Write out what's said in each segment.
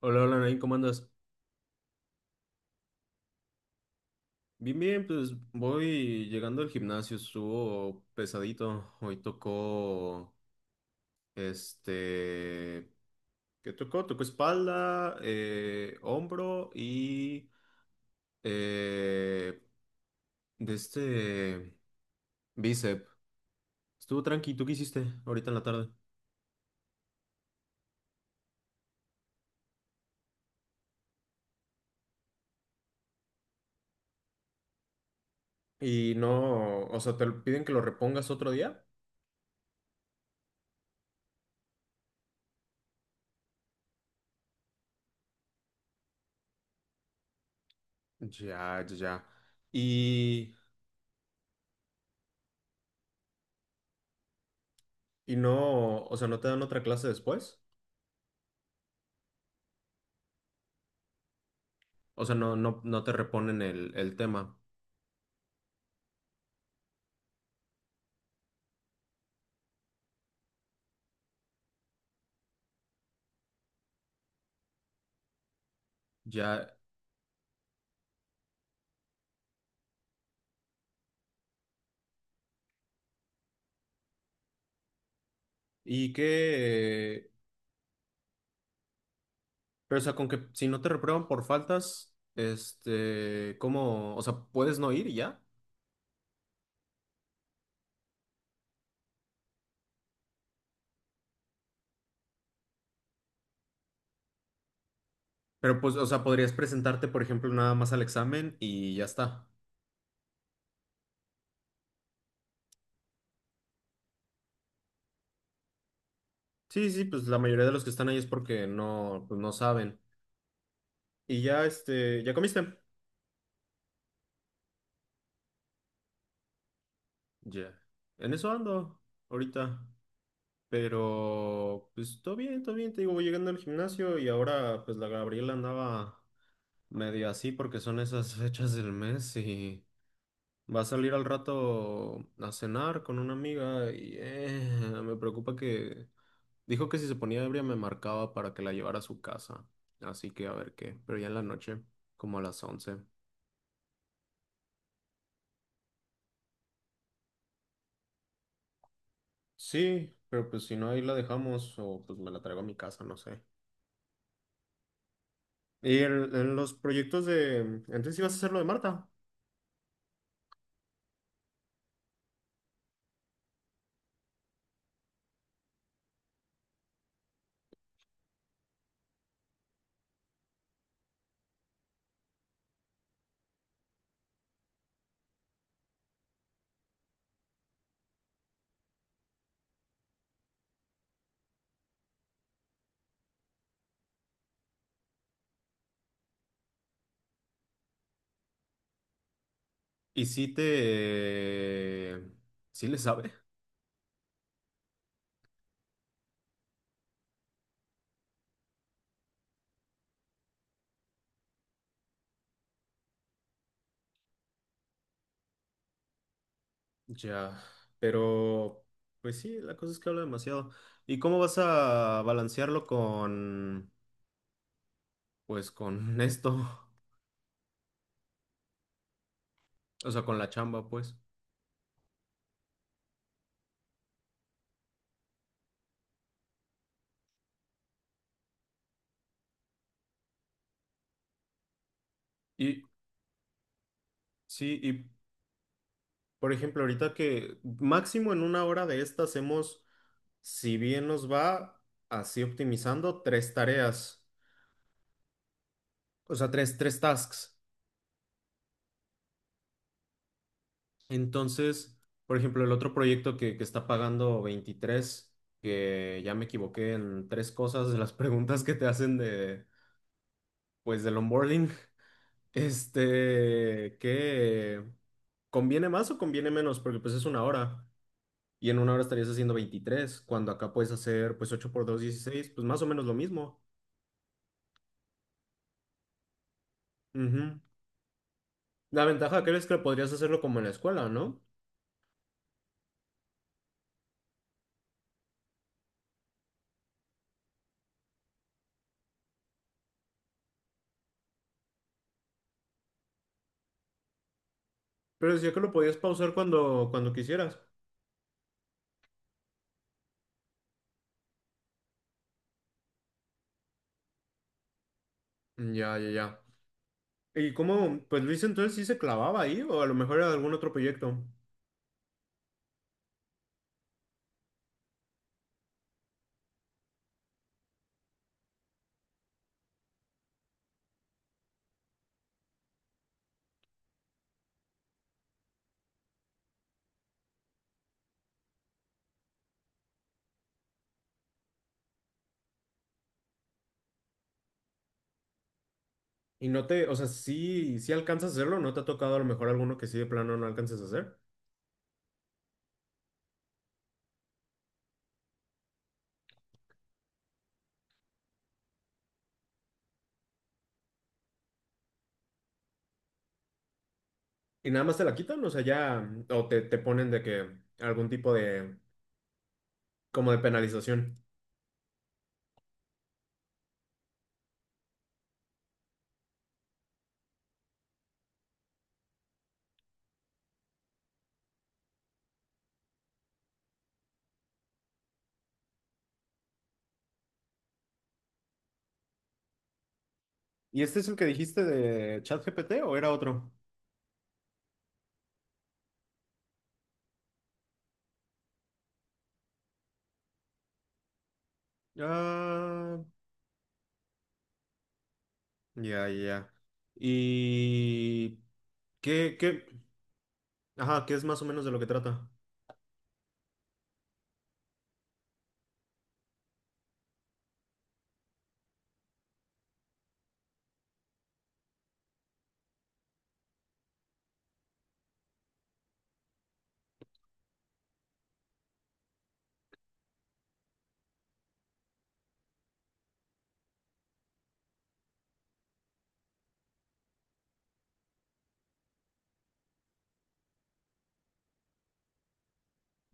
Hola, hola, Nain, ¿cómo andas? Bien, bien, pues voy llegando al gimnasio, estuvo pesadito. Hoy tocó, este, ¿qué tocó? Tocó espalda, hombro y eh, de este bíceps. Estuvo tranqui, ¿tú qué hiciste ahorita en la tarde? Y no, o sea, piden que lo repongas otro día. Ya, ya, ya. Y, y no, o sea, ¿no te dan otra clase después? O sea, no, no, no te reponen el tema. Ya. Y que. Pero, o sea, con que si no te reprueban por faltas, ¿cómo? O sea, puedes no ir y ya. Pero, pues, o sea, podrías presentarte, por ejemplo, nada más al examen y ya está. Sí, sí, pues la mayoría de los que están ahí es porque no, pues, no saben. Y ya, ¿ya comiste? Ya. En eso ando ahorita. Pero, pues, todo bien, todo bien. Te digo, voy llegando al gimnasio y ahora, pues, la Gabriela andaba. Medio así porque son esas fechas del mes y va a salir al rato a cenar con una amiga y me preocupa que dijo que si se ponía ebria me marcaba para que la llevara a su casa. Así que a ver qué, pero ya en la noche, como a las 11. Sí, pero pues si no ahí la dejamos o pues me la traigo a mi casa, no sé. Y en los proyectos de... Entonces ibas a hacer lo de Marta. ¿Y si te... ¿Sí le sabe? Ya, pero pues sí, la cosa es que habla demasiado. ¿Y cómo vas a balancearlo con, pues con esto? O sea, con la chamba, pues. Y sí, y por ejemplo, ahorita que máximo en una hora de esta hacemos, si bien nos va, así optimizando tres tareas, o sea, tres tasks. Entonces, por ejemplo, el otro proyecto que está pagando 23, que ya me equivoqué en tres cosas de las preguntas que te hacen de pues del onboarding, ¿qué conviene más o conviene menos? Porque pues es una hora y en una hora estarías haciendo 23 cuando acá puedes hacer pues 8 por 2 16 pues más o menos lo mismo. Ujú. La ventaja que es que podrías hacerlo como en la escuela, ¿no? Pero decía que lo podías pausar cuando quisieras. Mm, ya, ya, ya. ¿Y cómo, pues Luis entonces sí se clavaba ahí o a lo mejor era algún otro proyecto? Y no te, o sea, sí, sí alcanzas a hacerlo, ¿no te ha tocado a lo mejor alguno que sí de plano no alcances a hacer? Y nada más te la quitan, o sea, ya, o te ponen de que algún tipo de, como de penalización. ¿Y este es el que dijiste de ChatGPT o era otro? Ah, ya, ya. ¿Y qué, qué? Ajá, ¿qué es más o menos de lo que trata?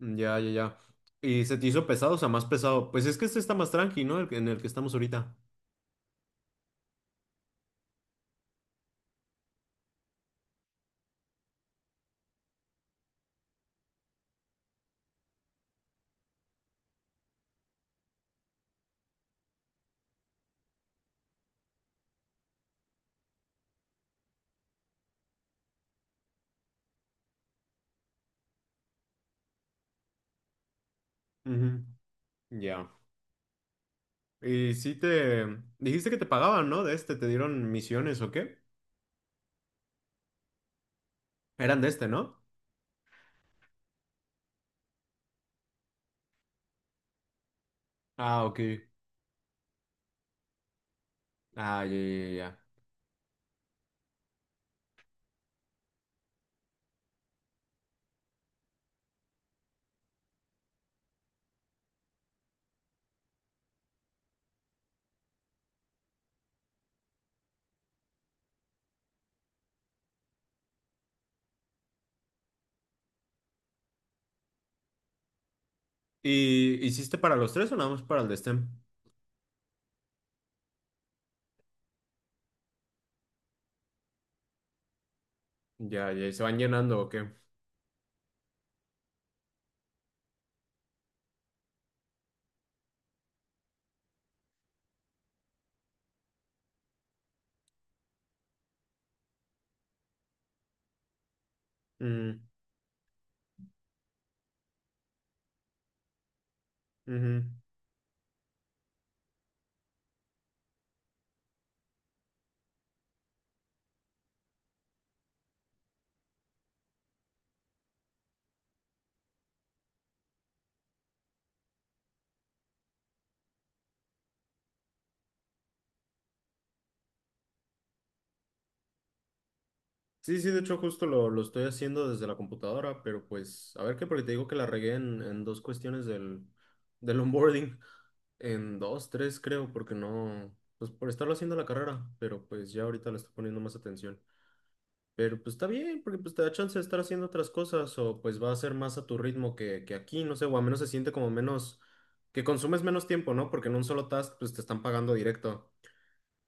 Ya, ya, ya. ¿Y se te hizo pesado, o sea, más pesado? Pues es que este está más tranqui, ¿no? En el que estamos ahorita. Ujú. Ya. Y sí te... Dijiste que te pagaban, ¿no? ¿Te dieron misiones o qué? Eran ¿no? Ah, ok. Ah, ya, ya, ya, ya. ¿Y hiciste para los tres o nada más para el de STEM? Ya, ya, ¿se van llenando o qué? Mm, ujú. Sí, sí, de hecho justo lo estoy haciendo desde la computadora, pero pues, a ver qué, porque te digo que la regué en dos cuestiones del onboarding, en dos, tres creo, porque no, pues por estarlo haciendo la carrera, pero pues ya ahorita le estoy poniendo más atención. Pero pues está bien, porque pues te da chance de estar haciendo otras cosas o pues va a ser más a tu ritmo que aquí, no sé, o al menos se siente como menos, que consumes menos tiempo, ¿no? Porque en un solo task pues te están pagando directo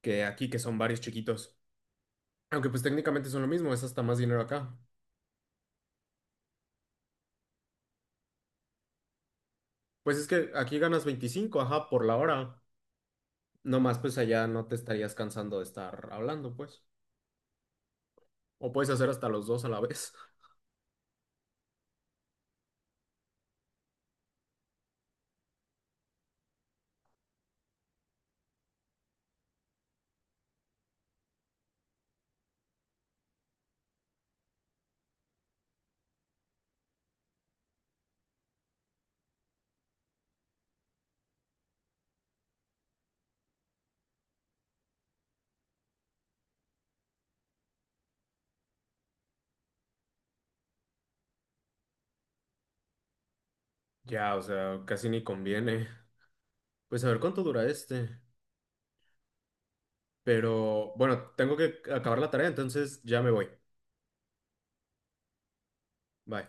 que aquí, que son varios chiquitos. Aunque pues técnicamente son lo mismo, es hasta más dinero acá. Pues es que aquí ganas 25, ajá, por la hora. No más pues allá no te estarías cansando de estar hablando, pues. O puedes hacer hasta los dos a la vez. Ya, o sea, casi ni conviene. Pues a ver cuánto dura este. Pero bueno, tengo que acabar la tarea, entonces ya me voy. Bye.